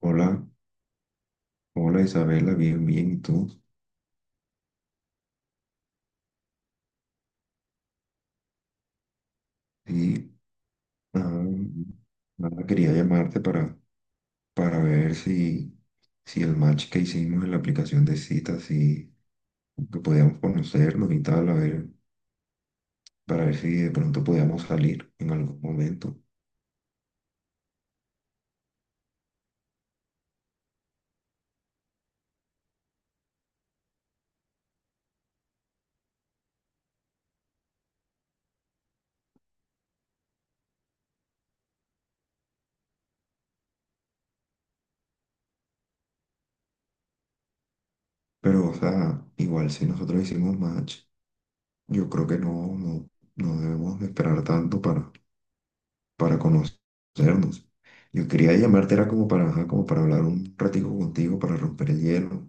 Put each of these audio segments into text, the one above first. Hola, hola Isabela, bien, bien, ¿y tú? Sí, ah, nada, quería llamarte para ver si el match que hicimos en la aplicación de citas, si que podíamos conocernos y tal, a ver, para ver si de pronto podíamos salir en algún momento. Pero, o sea, igual si nosotros hicimos match, yo creo que no debemos esperar tanto para conocernos. Yo quería llamarte, era como para, ajá, como para hablar un ratico contigo, para romper el hielo.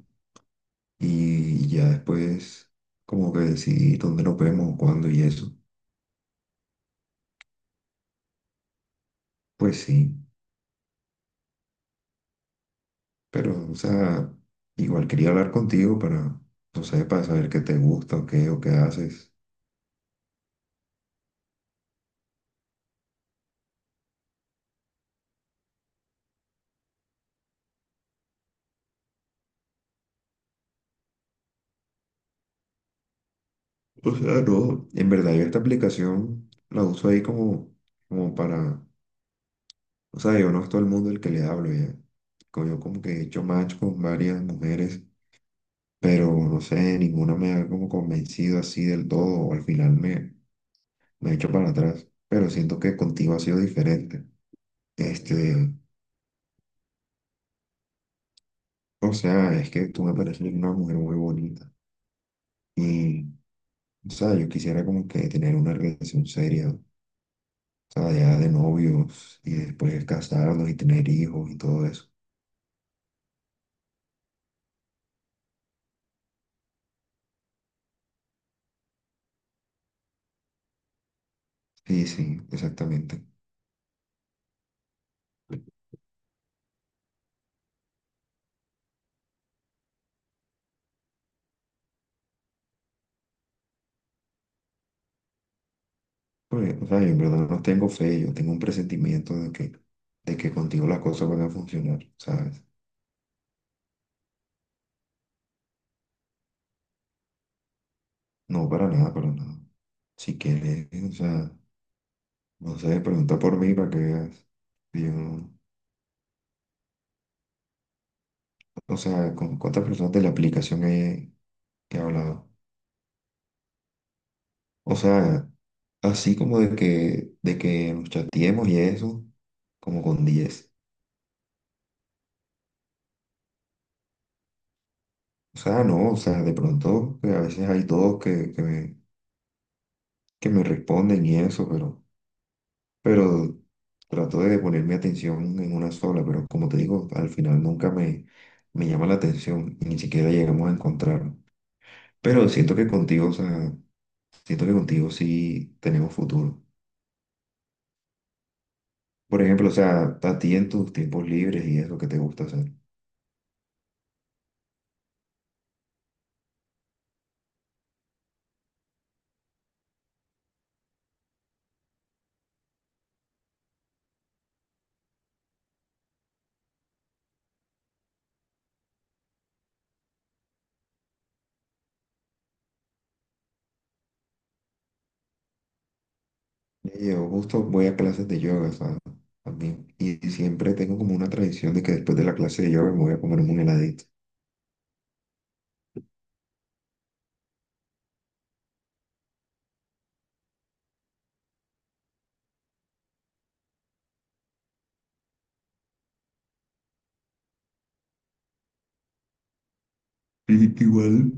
Y ya después, como que decidí dónde nos vemos, cuándo y eso. Pues sí, pero, o sea, igual quería hablar contigo para, no sé, para saber qué te gusta o qué haces. O sea, no, en verdad yo esta aplicación la uso ahí como, como para, o sea, yo no es todo el mundo el que le hablo ya. Como yo como que he hecho match con varias mujeres, pero no sé, ninguna me ha como convencido así del todo, o al final me echo para atrás, pero siento que contigo ha sido diferente. Este, o sea, es que tú me pareces una mujer muy bonita y, o sea, yo quisiera como que tener una relación seria, o sea, ya de novios y después casarnos y tener hijos y todo eso. Sí, sí, exactamente. Pues, o sea, yo en verdad no tengo fe, yo tengo un presentimiento de que contigo las cosas van a funcionar, ¿sabes? No, para nada, para nada. Si quieres, o sea, no sé, pregunta por mí para que veas. Yo O sea, ¿con cuántas personas de la aplicación he hablado? O sea, así como de que nos chateemos y eso, como con 10. O sea, no, o sea, de pronto que a veces hay dos que me responden y eso, pero trato de poner mi atención en una sola, pero como te digo, al final nunca me llama la atención y ni siquiera llegamos a encontrarnos. Pero siento que contigo, o sea, siento que contigo sí tenemos futuro. Por ejemplo, o sea, a ti en tus tiempos libres y eso que te gusta hacer. Y yo justo voy a clases de yoga, ¿sabes? Sea, también. Y siempre tengo como una tradición de que después de la clase de yoga me voy a comer un heladito. Y igual.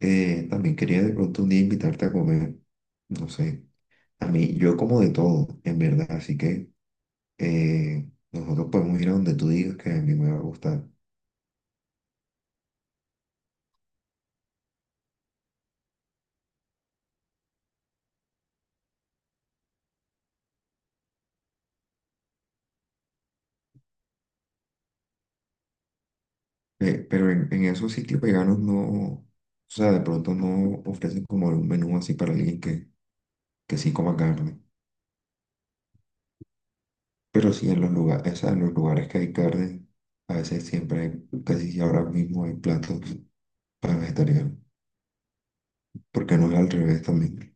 También quería de pronto un día invitarte a comer. No sé. A mí, yo como de todo, en verdad. Así que nosotros podemos ir a donde tú digas que a mí me va a gustar. Pero en esos sitios veganos no, o sea, de pronto no ofrecen como un menú así para alguien que sí coma carne. Pero sí en los lugares, o sea, en los lugares que hay carne, a veces siempre hay, casi si ahora mismo hay platos para vegetarianos, porque no es al revés también.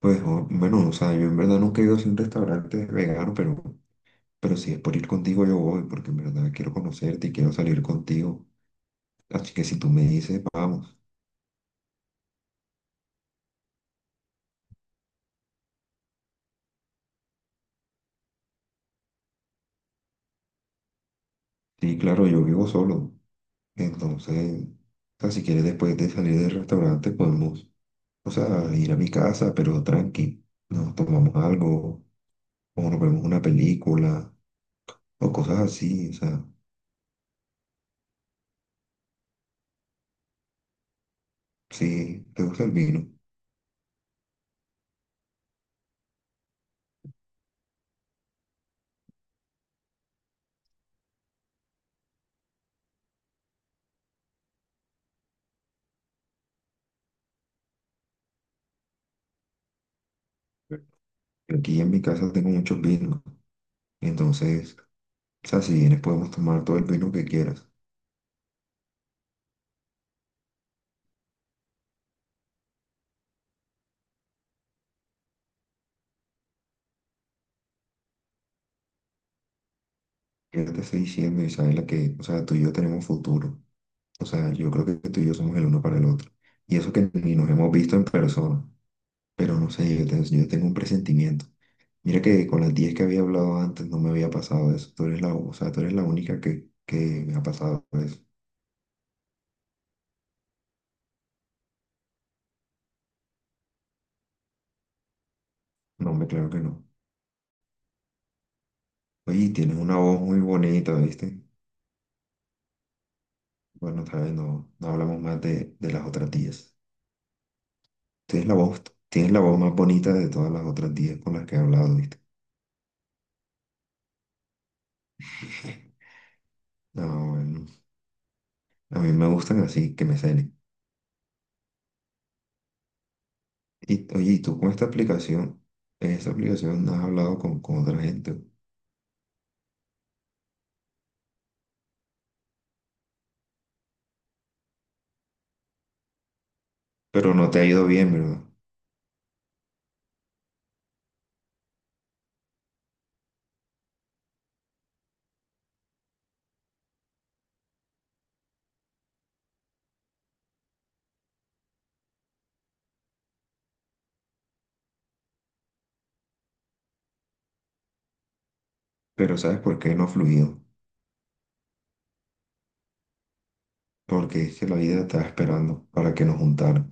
Pues bueno, o sea, yo en verdad nunca he ido a un restaurante vegano, pero si es por ir contigo yo voy, porque en verdad quiero conocerte y quiero salir contigo. Así que si tú me dices, vamos. Sí, claro, yo vivo solo. Entonces, o sea, si quieres después de salir del restaurante podemos, o sea, ir a mi casa, pero tranqui. Nos tomamos algo como nos vemos una película o cosas así, o sea, sí, te gusta el vino. Aquí en mi casa tengo muchos vinos, entonces, o sea, si vienes podemos tomar todo el vino que quieras. Yo te estoy diciendo, Isabela, que, o sea, tú y yo tenemos futuro. O sea, yo creo que tú y yo somos el uno para el otro. Y eso que ni nos hemos visto en persona, pero no sé, yo tengo un presentimiento. Mira que con las 10 que había hablado antes no me había pasado eso. Tú eres la, o sea, tú eres la única que me ha pasado eso. No, me claro que no. Oye, tienes una voz muy bonita, ¿viste? Bueno, sabes, no, no hablamos más de las otras tías. Tienes la voz, tienes la voz más bonita de todas las otras tías con las que he hablado, ¿viste? No, bueno, a mí me gustan así, que me celen. Y, oye, ¿y tú con esta aplicación, en esta aplicación no has hablado con otra gente, pero no te ha ido bien, ¿verdad? Pero ¿sabes por qué no ha fluido? Porque es que la vida estaba esperando para que nos juntaran.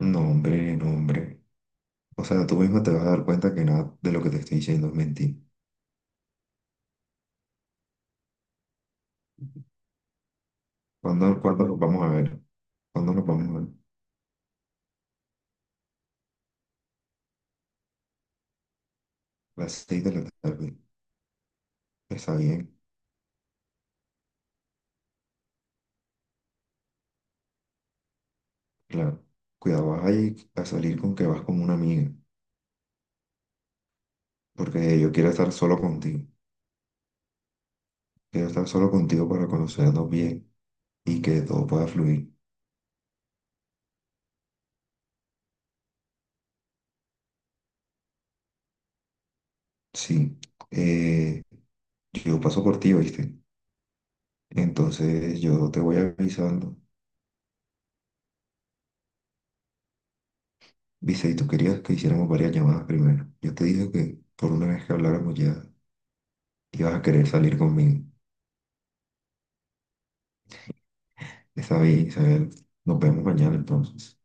No, hombre, no, hombre. O sea, tú mismo te vas a dar cuenta que nada de lo que te estoy diciendo es mentira. ¿Cuándo nos vamos a ver? ¿Cuándo nos vamos a ver? Las 6:00 de la tarde. Está bien, claro. Cuidado, vas a ir a salir con que vas con una amiga, porque yo quiero estar solo contigo. Quiero estar solo contigo para conocernos bien y que todo pueda fluir. Sí, eh, yo paso por ti, ¿oíste? Entonces yo te voy avisando. Viste, y tú querías que hiciéramos varias llamadas primero. Yo te dije que por una vez que habláramos ya ibas a querer salir conmigo. Está bien, Isabel. Nos vemos mañana entonces.